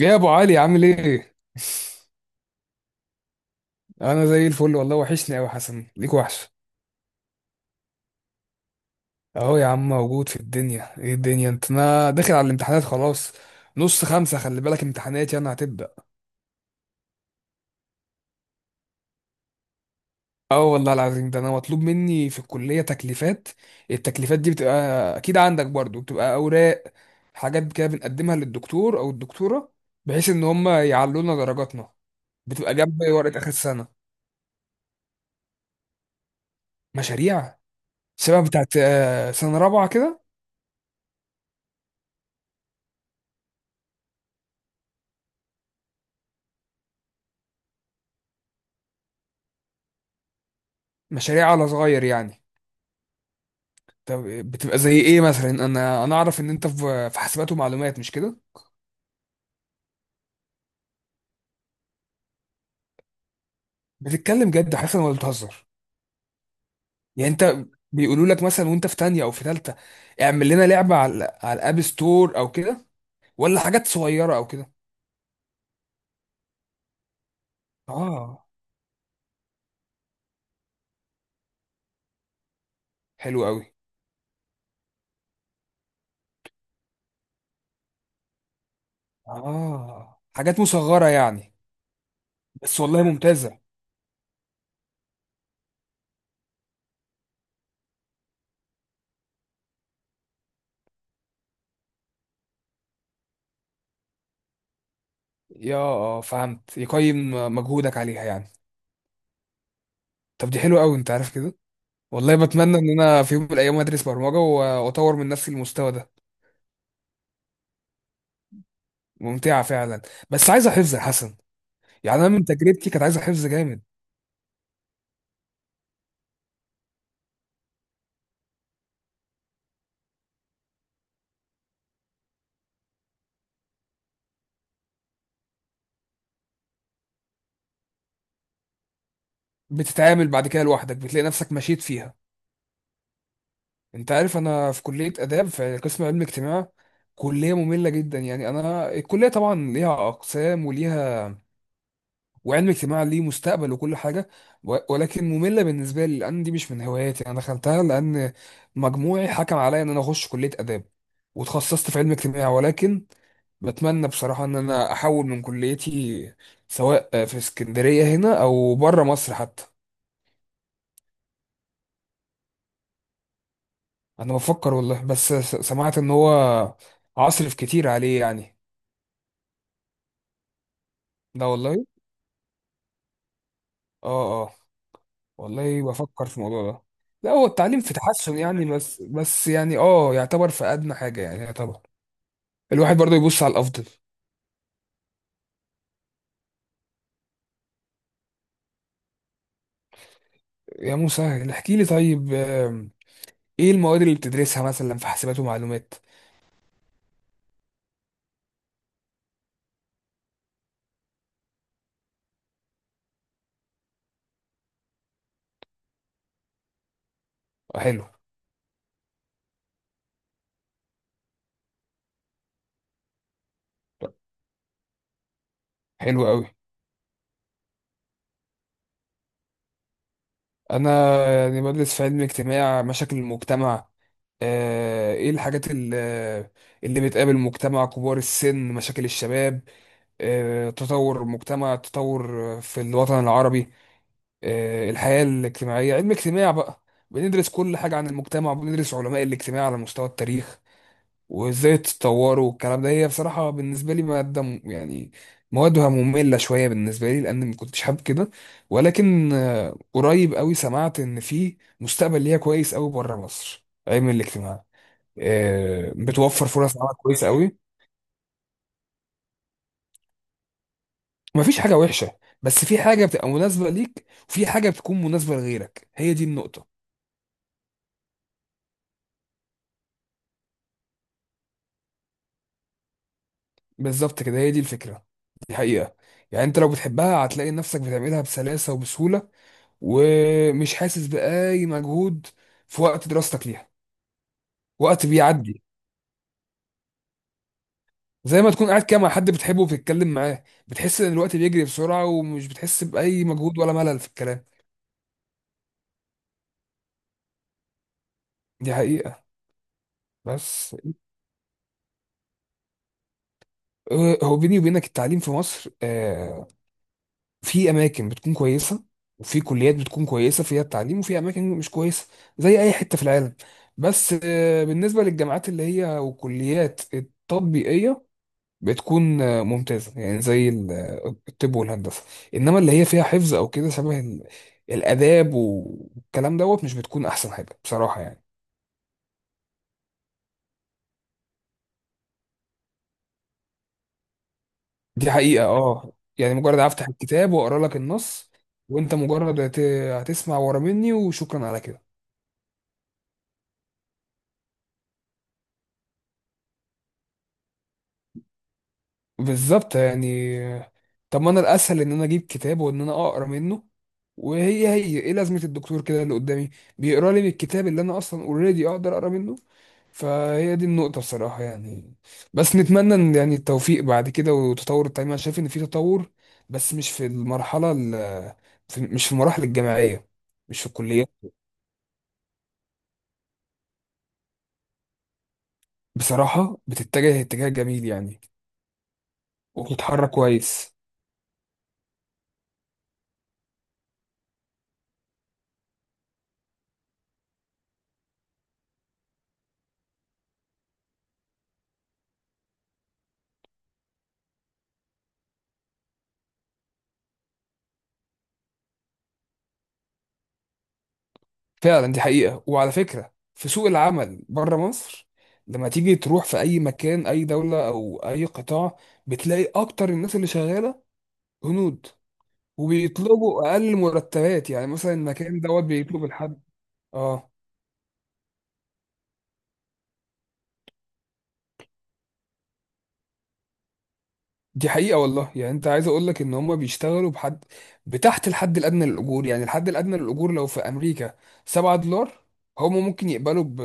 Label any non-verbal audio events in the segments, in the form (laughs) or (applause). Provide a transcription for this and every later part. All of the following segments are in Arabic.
ايه يا ابو علي؟ عامل ايه؟ (laughs) انا زي الفل والله، وحشني قوي حسن، ليك وحش. اهو يا عم، موجود في الدنيا. ايه الدنيا؟ انت انا داخل على الامتحانات خلاص. نص خمسة، خلي بالك، امتحاناتي انا هتبدأ. اه، والله العظيم ده انا مطلوب مني في الكلية تكليفات. التكليفات دي بتبقى، اكيد عندك برضو، بتبقى اوراق، حاجات كده بنقدمها للدكتور او الدكتورة، بحيث ان هم يعلونا درجاتنا. بتبقى جنب ورقة اخر السنة. مشاريع، شبه بتاعت سنة رابعة كده. مشاريع على صغير يعني. طب بتبقى زي ايه مثلا؟ انا اعرف ان انت في حاسبات ومعلومات، مش كده؟ بتتكلم جد حسن ولا بتهزر؟ يعني انت بيقولوا لك مثلا وانت في تانية او في تالتة: اعمل لنا لعبة على الاب ستور او كده، ولا حاجات صغيرة او كده؟ اه، حلو قوي. اه، حاجات مصغرة يعني. بس والله ممتازة. يا فهمت، يقيم مجهودك عليها يعني. طب دي حلوة قوي، انت عارف كده. والله بتمنى ان انا في يوم من الايام ادرس برمجة واطور من نفسي المستوى ده. ممتعة فعلا، بس عايزة حفظ يا حسن. يعني أنا من تجربتي كانت عايزة حفظ جامد. بتتعامل بعد كده لوحدك، بتلاقي نفسك مشيت فيها. أنت عارف أنا في كلية آداب، في قسم علم اجتماع. كلية مملة جدا. يعني أنا الكلية طبعا ليها أقسام وليها، وعلم اجتماع ليه مستقبل وكل حاجة، ولكن مملة بالنسبة لي، لأن دي مش من هواياتي. أنا دخلتها لأن مجموعي حكم عليا إن أنا أخش كلية آداب، وتخصصت في علم اجتماع. ولكن بتمنى بصراحة إن أنا أحول من كليتي، سواء في اسكندرية هنا أو بره مصر حتى. أنا بفكر والله، بس سمعت إن هو عصرف كتير عليه يعني. لا والله. اه، اه، والله بفكر في الموضوع ده. لا، هو التعليم في تحسن يعني، بس بس يعني يعتبر في ادنى حاجه، يعني يعتبر الواحد برضه يبص على الافضل. يا موسى، احكي لي طيب. ايه المواد اللي بتدرسها مثلا في حاسبات ومعلومات؟ آه، حلو. حلو قوي. انا يعني بدرس في علم اجتماع مشاكل المجتمع، ايه الحاجات اللي بتقابل المجتمع: كبار السن، مشاكل الشباب، تطور المجتمع، تطور في الوطن العربي، الحياة الاجتماعية. علم اجتماع بقى، بندرس كل حاجة عن المجتمع، وبندرس علماء الاجتماع على مستوى التاريخ وازاي اتطوروا والكلام ده. هي بصراحة بالنسبة لي مادة يعني موادها مملة شوية بالنسبة لي، لأن ما كنتش حابب كده. ولكن قريب قوي سمعت إن في مستقبل ليها كويس قوي بره مصر، علم الاجتماع بتوفر فرص عمل كويسة قوي. مفيش حاجة وحشة، بس في حاجة بتبقى مناسبة ليك وفي حاجة بتكون مناسبة لغيرك، هي دي النقطة. بالظبط كده، هي دي الفكرة، دي حقيقة. يعني انت لو بتحبها هتلاقي نفسك بتعملها بسلاسة وبسهولة، ومش حاسس بأي مجهود في وقت دراستك ليها. وقت بيعدي، زي ما تكون قاعد كده مع حد بتحبه وبتتكلم معاه، بتحس ان الوقت بيجري بسرعة، ومش بتحس بأي مجهود ولا ملل في الكلام. دي حقيقة. بس اه، هو بيني وبينك التعليم في مصر في اماكن بتكون كويسه، وفي كليات بتكون كويسه فيها التعليم، وفي اماكن مش كويسه، زي اي حته في العالم. بس بالنسبه للجامعات اللي هي والكليات التطبيقيه، بتكون ممتازه، يعني زي الطب والهندسه. انما اللي هي فيها حفظ او كده، شبه الاداب والكلام دوت، مش بتكون احسن حاجه بصراحه يعني. دي حقيقه. اه يعني مجرد افتح الكتاب واقرا لك النص، وانت مجرد هتسمع ورا مني وشكرا على كده. بالظبط يعني. طب ما انا الاسهل ان انا اجيب كتاب وان انا اقرا منه. وهي هي ايه لازمه الدكتور كده اللي قدامي بيقرا لي من الكتاب، اللي انا اصلا اوريدي اقدر اقرا منه؟ فهي دي النقطه بصراحه يعني. بس نتمنى ان يعني التوفيق بعد كده وتطور التعليم. انا شايف ان في تطور، بس مش في المرحله ال- في مش في المراحل الجامعيه، مش في الكليه. بصراحه بتتجه اتجاه جميل يعني، وبتتحرك كويس. فعلا، دي حقيقة. وعلى فكرة في سوق العمل بره مصر، لما تيجي تروح في أي مكان، أي دولة أو أي قطاع، بتلاقي أكتر الناس اللي شغالة هنود. وبيطلبوا أقل مرتبات، يعني مثلا المكان دوت بيطلب الحد. آه، دي حقيقة والله. يعني انت عايز اقول لك ان هم بيشتغلوا بحد، بتحت الحد الادنى للاجور. يعني الحد الادنى للاجور لو في امريكا $7، هم ممكن يقبلوا ب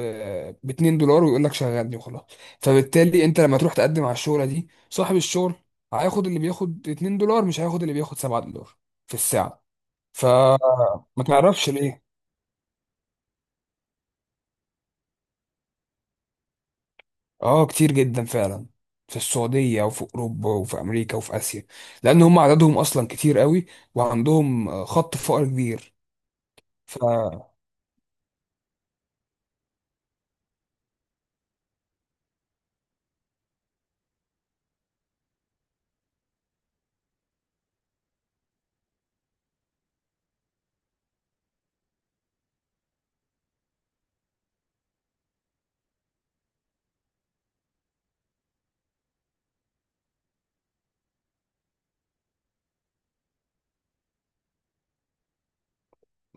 ب $2، ويقول لك شغلني وخلاص. فبالتالي انت لما تروح تقدم على الشغلة دي، صاحب الشغل هياخد اللي بياخد $2، مش هياخد اللي بياخد $7 في الساعة. فما تعرفش ليه. اه، كتير جدا فعلا في السعودية وفي أوروبا وفي أمريكا وفي آسيا، لأن هم عددهم أصلا كتير قوي، وعندهم خط فقر كبير. ف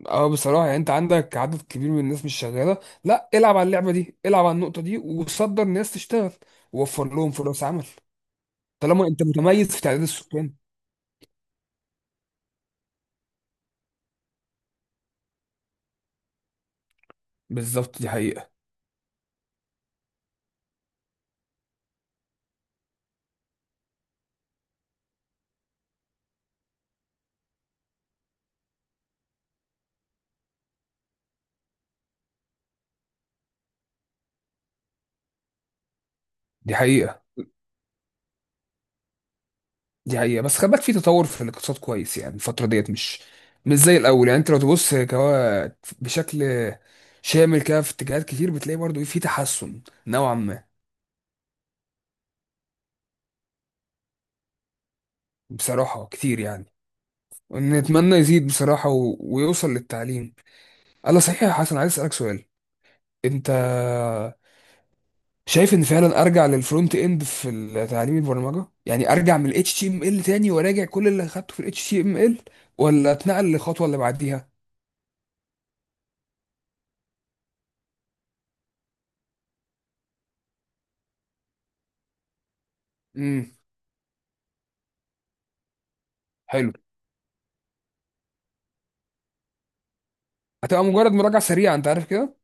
اه، بصراحه يعني انت عندك عدد كبير من الناس مش شغاله. لا، العب على اللعبه دي، العب على النقطه دي، وصدر ناس تشتغل، ووفر لهم فرص عمل. طالما انت متميز في تعداد السكان. بالظبط، دي حقيقه. دي حقيقه. دي حقيقه، بس خلي بالك في تطور في الاقتصاد كويس يعني. الفتره ديت مش زي الاول، يعني انت لو تبص كوا بشكل شامل كده، في اتجاهات كتير بتلاقي برضو في تحسن نوعا ما. بصراحه كتير يعني. نتمنى يزيد بصراحه ويوصل للتعليم. الله، صحيح يا حسن، عايز اسالك سؤال. انت شايف ان فعلا ارجع للفرونت اند في تعليم البرمجه، يعني ارجع من الاتش تي ام ال HTML تاني، وراجع كل اللي اخدته في الاتش تي ام ال HTML، ولا اتنقل للخطوه اللي بعديها؟ امم. حلو، هتبقى مجرد مراجعه سريعه، انت عارف كده.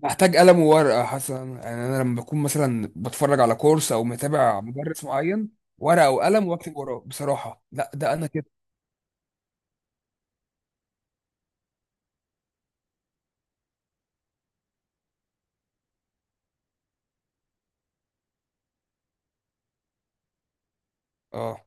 محتاج قلم وورقه حسنا؟ يعني انا لما بكون مثلا بتفرج على كورس او متابع مدرس معين، ورقه وقلم واكتب وراه بصراحه؟ لا، ده انا كده. اه،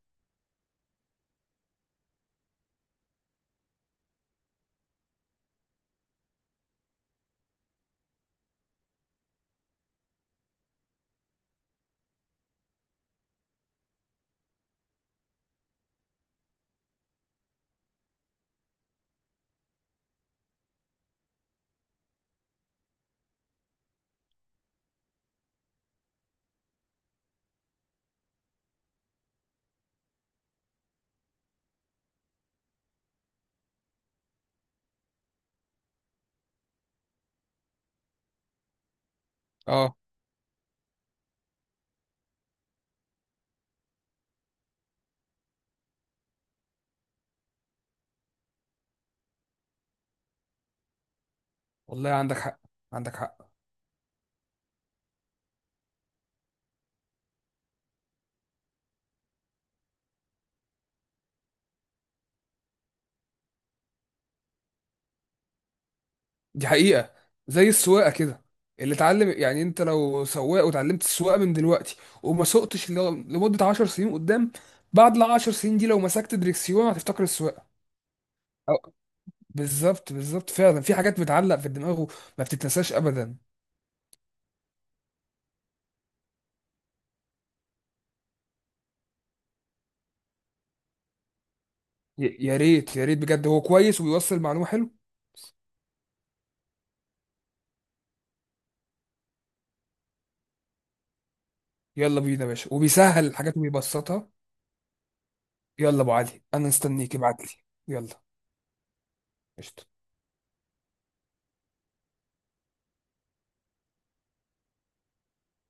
اه، والله عندك حق، عندك حق. دي حقيقة. زي السواقة كده، اللي اتعلم، يعني انت لو سواق وتعلمت السواقة من دلوقتي، وما سوقتش لمدة 10 سنين قدام، بعد ال 10 سنين دي لو مسكت دريكسيون هتفتكر السواقة. أو بالظبط، بالظبط فعلا، في حاجات بتعلق في الدماغ وما بتتنساش ابدا. يا ريت يا ريت بجد، هو كويس وبيوصل معلومة حلو. يلا بينا يا باشا، وبيسهل الحاجات وبيبسطها. يلا ابو علي، انا مستنيك ابعت لي. يلا. قشطة.